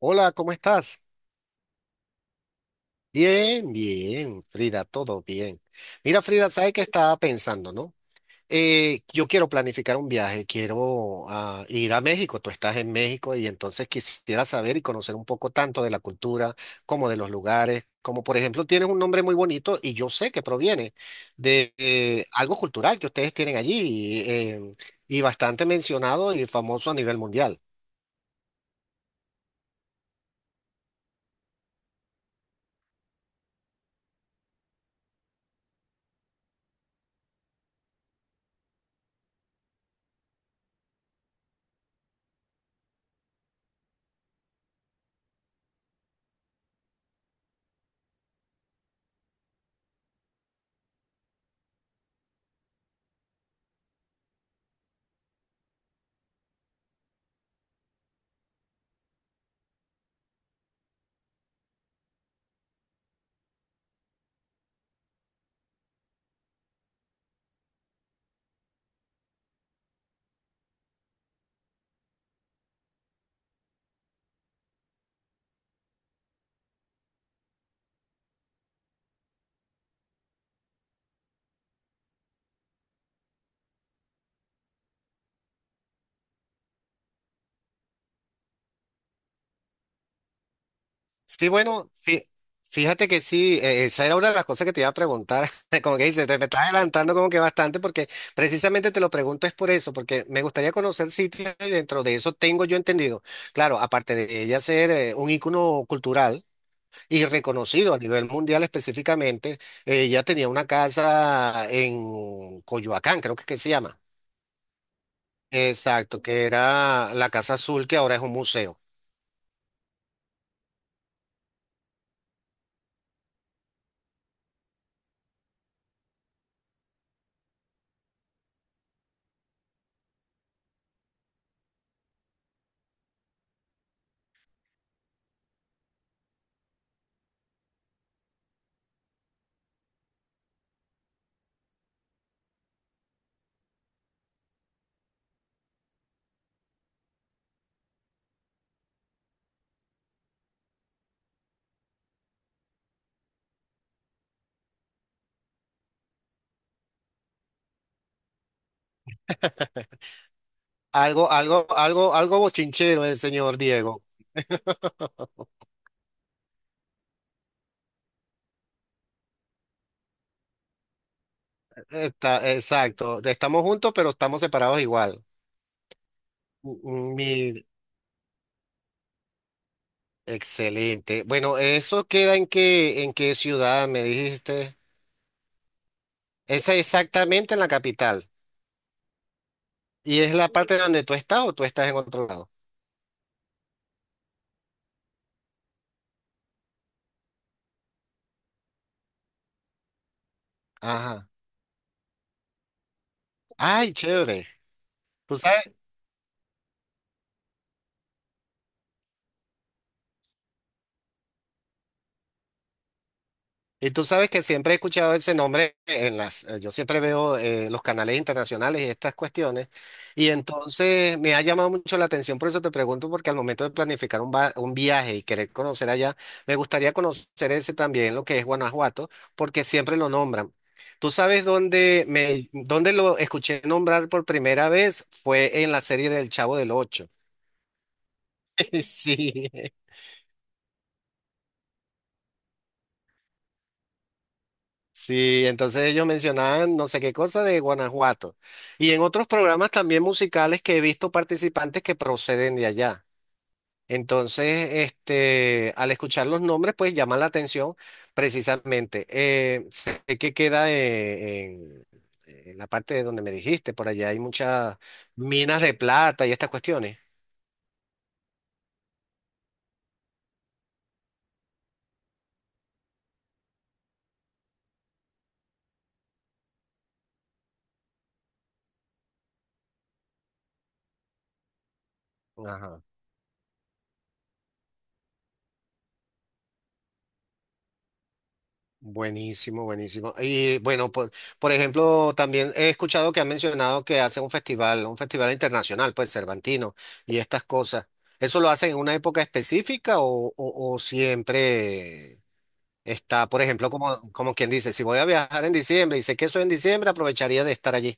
Hola, ¿cómo estás? Bien, bien, Frida, todo bien. Mira, Frida, ¿sabes qué estaba pensando, no? Yo quiero planificar un viaje, quiero ir a México, tú estás en México y entonces quisiera saber y conocer un poco tanto de la cultura como de los lugares, como por ejemplo tienes un nombre muy bonito y yo sé que proviene de algo cultural que ustedes tienen allí y bastante mencionado y famoso a nivel mundial. Sí, bueno, fíjate que sí, esa era una de las cosas que te iba a preguntar, como que dices, te me estás adelantando como que bastante porque precisamente te lo pregunto es por eso, porque me gustaría conocer sitios y dentro de eso tengo yo entendido, claro, aparte de ella ser un ícono cultural y reconocido a nivel mundial específicamente, ella tenía una casa en Coyoacán, creo que, se llama. Exacto, que era la Casa Azul, que ahora es un museo. Algo, algo, algo, algo bochinchero el señor Diego. Está, exacto, estamos juntos, pero estamos separados igual. Mm. Excelente. Bueno, ¿eso queda en qué ciudad me dijiste? Esa exactamente en la capital. ¿Y es la parte donde tú estás o tú estás en otro lado? Ajá. Ay, chévere. ¿Tú sabes? Y tú sabes que siempre he escuchado ese nombre en las, yo siempre veo los canales internacionales y estas cuestiones, y entonces me ha llamado mucho la atención, por eso te pregunto, porque al momento de planificar un viaje y querer conocer allá, me gustaría conocer ese también, lo que es Guanajuato, porque siempre lo nombran. Tú sabes dónde lo escuché nombrar por primera vez fue en la serie del Chavo del Ocho. Sí. Sí, entonces ellos mencionaban no sé qué cosa de Guanajuato. Y en otros programas también musicales que he visto participantes que proceden de allá. Entonces, este, al escuchar los nombres, pues llama la atención precisamente. Sé que queda en la parte de donde me dijiste, por allá hay muchas minas de plata y estas cuestiones. Ajá. Buenísimo, buenísimo. Y bueno, por ejemplo, también he escuchado que han mencionado que hacen un festival internacional, pues Cervantino, y estas cosas. ¿Eso lo hacen en una época específica o siempre está, por ejemplo, como quien dice, si voy a viajar en diciembre y sé que eso es en diciembre, aprovecharía de estar allí?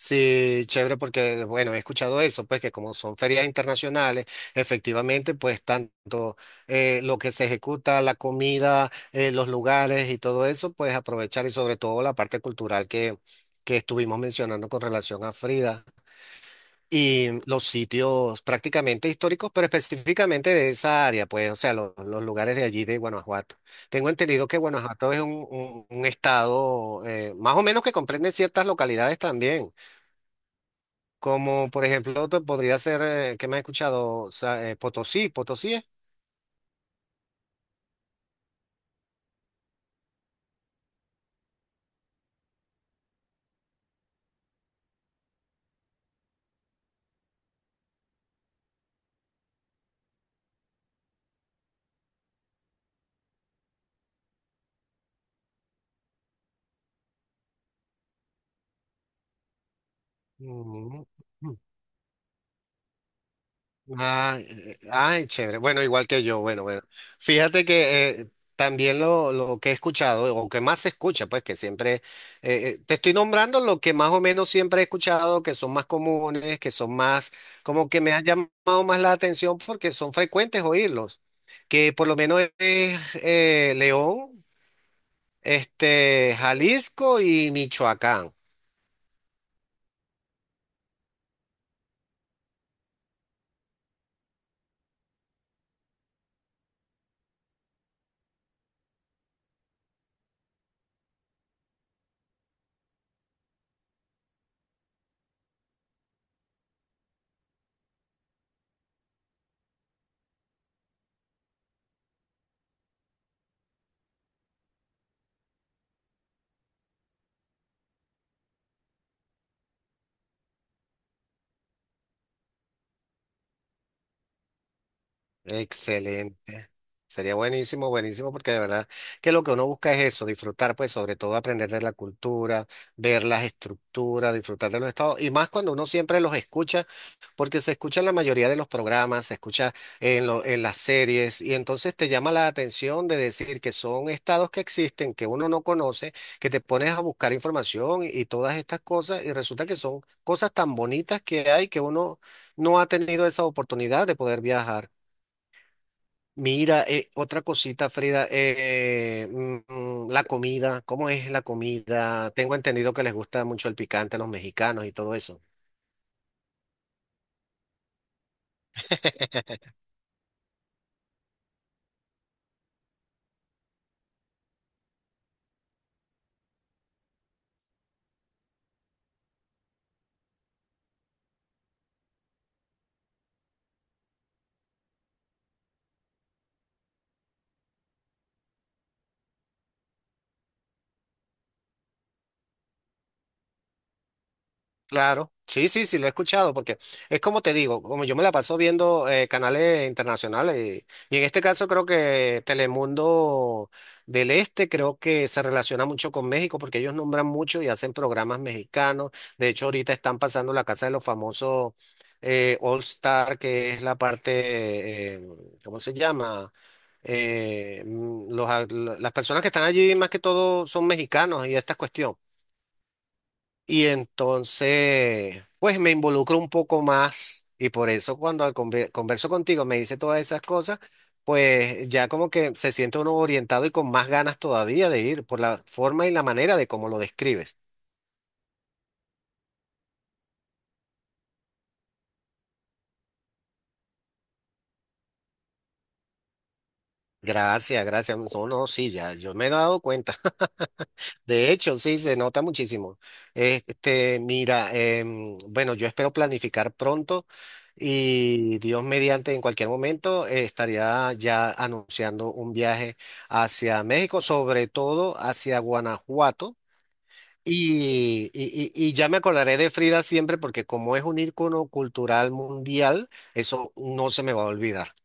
Sí, chévere, porque bueno, he escuchado eso, pues que como son ferias internacionales, efectivamente, pues tanto lo que se ejecuta, la comida, los lugares y todo eso, pues aprovechar y sobre todo la parte cultural que, estuvimos mencionando con relación a Frida y los sitios prácticamente históricos, pero específicamente de esa área, pues, o sea, los lugares de allí de Guanajuato. Tengo entendido que Guanajuato es un, un estado más o menos que comprende ciertas localidades también. Como por ejemplo, otro podría ser, ¿que me has escuchado? O Potosí, Potosí es. Mm, mm. Ah, ay, chévere. Bueno, igual que yo. Bueno, bueno. Fíjate que también lo que he escuchado, o que más se escucha, pues que siempre, te estoy nombrando lo que más o menos siempre he escuchado, que son más comunes, que son más, como que me han llamado más la atención porque son frecuentes oírlos. Que por lo menos es León. Este, Jalisco y Michoacán. Excelente. Sería buenísimo, buenísimo, porque de verdad que lo que uno busca es eso, disfrutar, pues sobre todo aprender de la cultura, ver las estructuras, disfrutar de los estados, y más cuando uno siempre los escucha, porque se escucha en la mayoría de los programas, se escucha en las series, y entonces te llama la atención de decir que son estados que existen, que uno no conoce, que te pones a buscar información y todas estas cosas, y resulta que son cosas tan bonitas que hay que uno no ha tenido esa oportunidad de poder viajar. Mira, otra cosita, Frida, la comida, ¿cómo es la comida? Tengo entendido que les gusta mucho el picante a los mexicanos y todo eso. Claro, sí, sí, sí, lo he escuchado, porque es como te digo, como yo me la paso viendo canales internacionales, y, en este caso creo que Telemundo del Este creo que se relaciona mucho con México, porque ellos nombran mucho y hacen programas mexicanos. De hecho, ahorita están pasando la Casa de los Famosos All Star, que es la parte, ¿cómo se llama? Las personas que están allí más que todo son mexicanos y esta cuestión. Y entonces, pues me involucro un poco más y por eso cuando converso contigo me dice todas esas cosas, pues ya como que se siente uno orientado y con más ganas todavía de ir por la forma y la manera de cómo lo describes. Gracias, gracias. No, no, sí, ya yo me he dado cuenta. De hecho, sí, se nota muchísimo. Este, mira, bueno, yo espero planificar pronto y Dios mediante, en cualquier momento, estaría ya anunciando un viaje hacia México, sobre todo hacia Guanajuato. Y ya me acordaré de Frida siempre porque como es un ícono cultural mundial, eso no se me va a olvidar.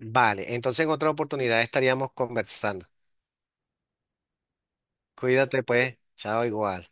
Vale, entonces en otra oportunidad estaríamos conversando. Cuídate pues, chao igual.